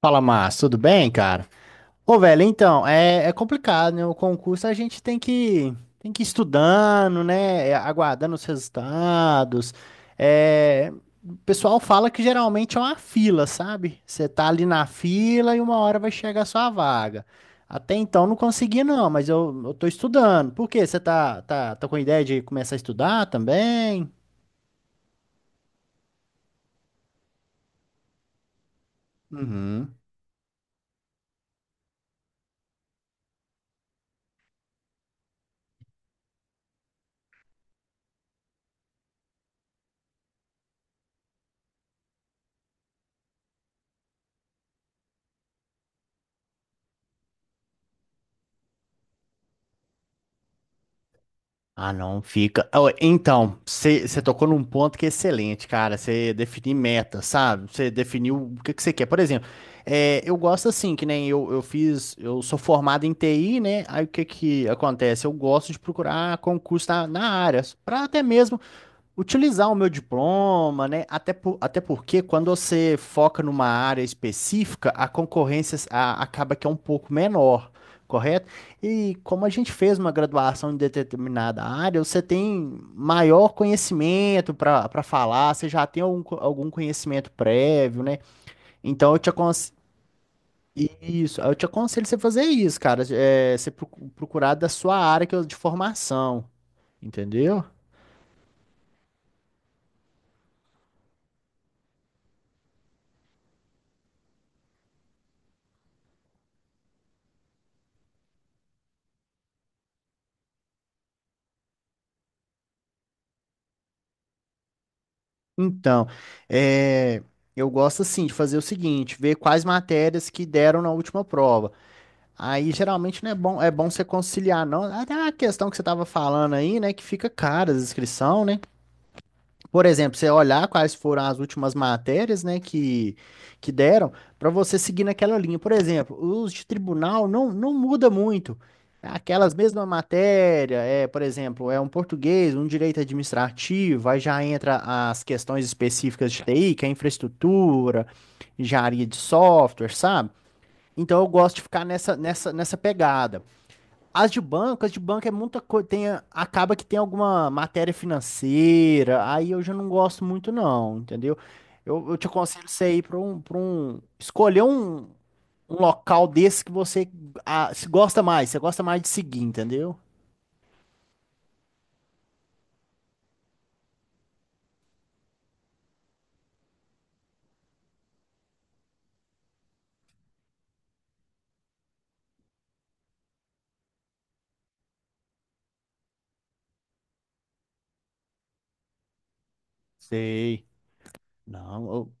Fala, Márcio, tudo bem, cara? Ô, velho, então, é complicado, né? O concurso a gente tem que ir estudando, né? Aguardando os resultados. É, o pessoal fala que geralmente é uma fila, sabe? Você tá ali na fila e uma hora vai chegar a sua vaga. Até então não consegui, não, mas eu tô estudando. Por quê? Você tá com ideia de começar a estudar também? Uhum. Ah, não fica. Ó, então, você tocou num ponto que é excelente, cara. Você definir meta, sabe? Você definiu o que que você quer. Por exemplo, eu gosto assim, que nem eu, eu sou formado em TI, né? Aí o que que acontece? Eu gosto de procurar concurso na área, para até mesmo utilizar o meu diploma, né? Até porque quando você foca numa área específica, a acaba que é um pouco menor, correto? E como a gente fez uma graduação em determinada área, você tem maior conhecimento para falar, você já tem algum conhecimento prévio, né? Então eu te aconselho. Isso, eu te aconselho você fazer isso, cara. É, você procurar da sua área que é de formação, entendeu? Então, é, eu gosto assim de fazer o seguinte, ver quais matérias que deram na última prova. Aí geralmente não é bom, é bom você conciliar, não. Até a questão que você estava falando aí, né, que fica cara a inscrição, né? Por exemplo, você olhar quais foram as últimas matérias, né, que deram, para você seguir naquela linha. Por exemplo, os de tribunal não muda muito. Aquelas mesmas matérias, é, por exemplo, é um português, um direito administrativo, aí já entra as questões específicas de TI, que é infraestrutura, engenharia de software, sabe? Então eu gosto de ficar nessa pegada. As de banco é muita coisa, acaba que tem alguma matéria financeira, aí eu já não gosto muito não, entendeu? Eu te aconselho você ir escolher um, um local desse que você ah, se gosta mais, você gosta mais de seguir, entendeu? Sei. Não, eu-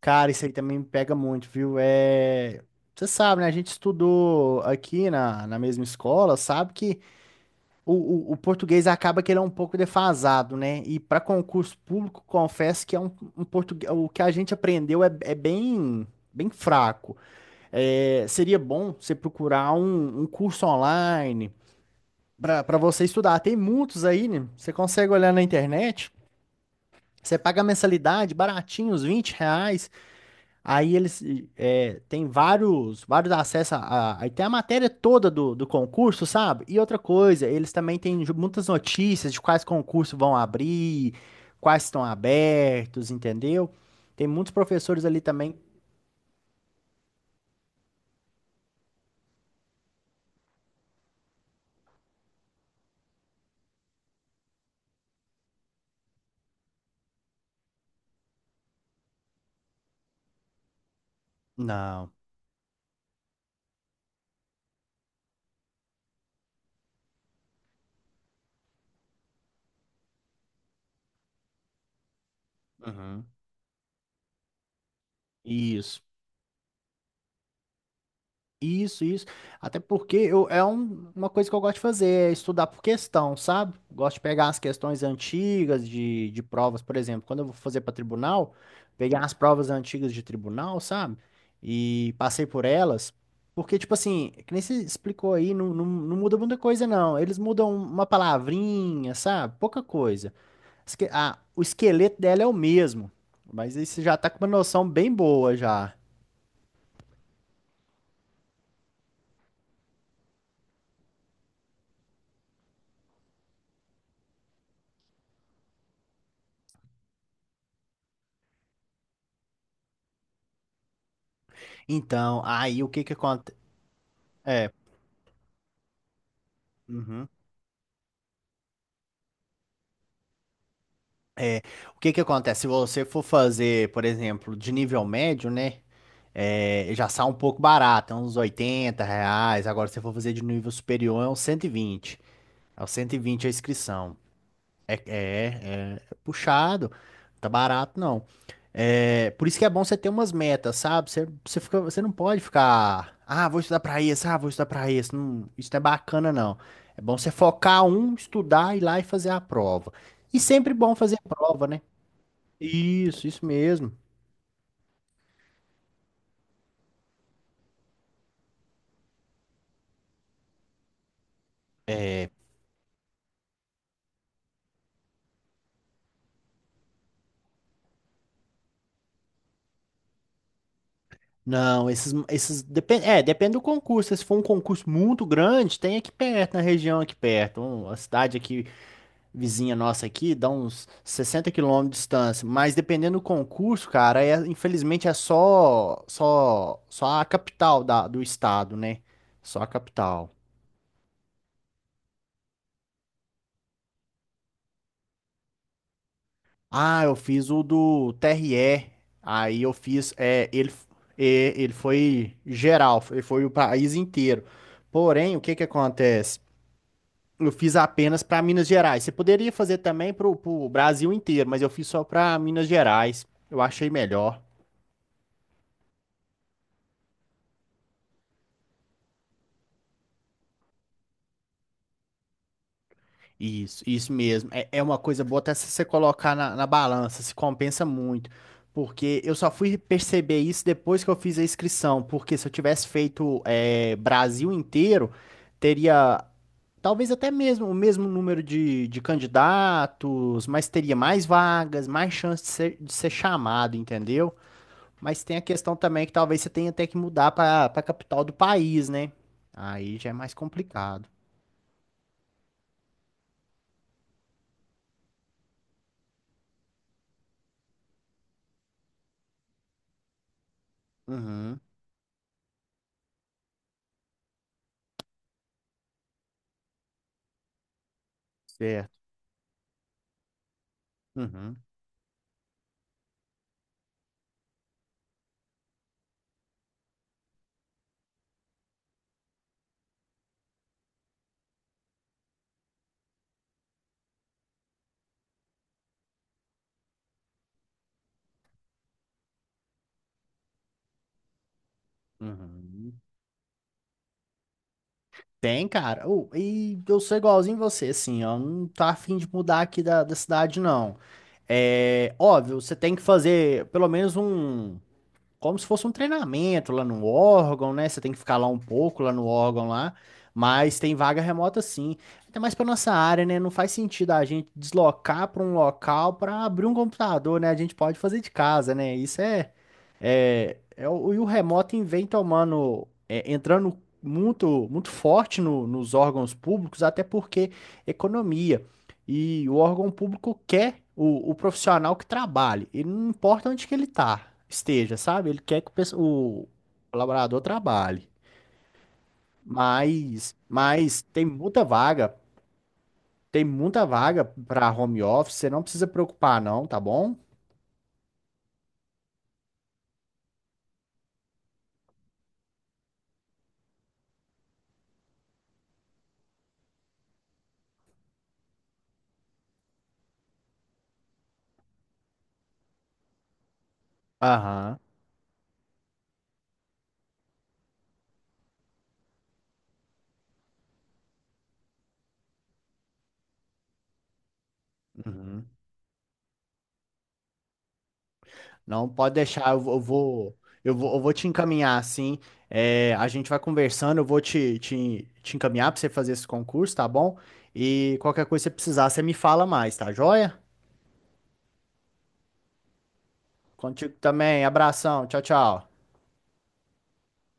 cara, isso aí também me pega muito, viu? É, você sabe, né? A gente estudou aqui na mesma escola, sabe que o português acaba que ele é um pouco defasado, né? E para concurso público, confesso que é um, um português, o que a gente aprendeu é bem, bem fraco. É, seria bom você procurar um, um curso online para você estudar. Tem muitos aí, né? Você consegue olhar na internet, você paga a mensalidade baratinho, uns R$ 20. Aí eles tem vários acessos aí tem a matéria toda do concurso, sabe? E outra coisa, eles também muitas notícias de quais concursos vão abrir, quais estão abertos, entendeu? Tem muitos professores ali também. Não. Uhum. Isso. Isso, isso. Até porque uma coisa que eu gosto de fazer, é estudar por questão, sabe? Gosto de pegar as questões antigas de provas, por exemplo, quando eu vou fazer para tribunal, pegar as provas antigas de tribunal, sabe? E passei por elas. Porque, tipo assim, que nem você explicou aí, não muda muita coisa, não. Eles mudam uma palavrinha, sabe? Pouca coisa. O esqueleto dela é o mesmo. Mas aí você já tá com uma noção bem boa já. Então, aí o que que acontece? Uhum. É, o que que acontece? Se você for fazer, por exemplo, de nível médio, né? É, já sai um pouco barato, é uns R$ 80. Agora, se você for fazer de nível superior, é uns 120. É uns 120 a inscrição. É puxado, tá barato não. É, por isso que é bom você ter umas metas, sabe? Você fica, você não pode ficar, ah, vou estudar pra isso, ah, vou estudar pra isso. Não, isso não é bacana, não. É bom você focar um, estudar, ir lá e fazer a prova. E sempre bom fazer prova, né? Isso mesmo. Não, esses depende, é, depende do concurso. Se for um concurso muito grande, tem aqui perto, na região aqui perto, uma cidade aqui vizinha nossa aqui, dá uns 60 quilômetros de distância, mas dependendo do concurso, cara, é, infelizmente é só a capital da, do estado, né? Só a capital. Ah, eu fiz o do TRE, aí eu fiz, é, ele foi geral, foi o país inteiro. Porém, o que que acontece? Eu fiz apenas para Minas Gerais. Você poderia fazer também para o Brasil inteiro, mas eu fiz só para Minas Gerais. Eu achei melhor. Isso mesmo. É, é uma coisa boa até se você colocar na balança, se compensa muito. Porque eu só fui perceber isso depois que eu fiz a inscrição. Porque se eu tivesse feito é, Brasil inteiro, teria talvez até mesmo o mesmo número de candidatos, mas teria mais vagas, mais chance de ser chamado, entendeu? Mas tem a questão também que talvez você tenha até que mudar para a capital do país, né? Aí já é mais complicado. Uhum, certo. Uhum. Uhum. Tem, cara. Ô, e eu sou igualzinho você, assim, ó. Não tô afim de mudar aqui da cidade, não. É óbvio, você tem que fazer pelo menos um. Como se fosse um treinamento lá no órgão, né? Você tem que ficar lá um pouco, lá no órgão lá. Mas tem vaga remota sim. Até mais pra nossa área, né? Não faz sentido a gente deslocar pra um local pra abrir um computador, né? A gente pode fazer de casa, né? Isso é. E o remoto vem tomando, é, entrando muito forte nos órgãos públicos, até porque economia. E o órgão público quer o profissional que trabalhe. Ele não importa onde que ele esteja, sabe? Ele quer que o colaborador trabalhe. Mas tem muita vaga para home office, você não precisa preocupar não, tá bom? Aham. Uhum. Não, pode deixar, eu vou te encaminhar assim. É, a gente vai conversando, eu vou te encaminhar para você fazer esse concurso, tá bom? E qualquer coisa que você precisar, você me fala mais, tá joia? Contigo também, abração, tchau, tchau.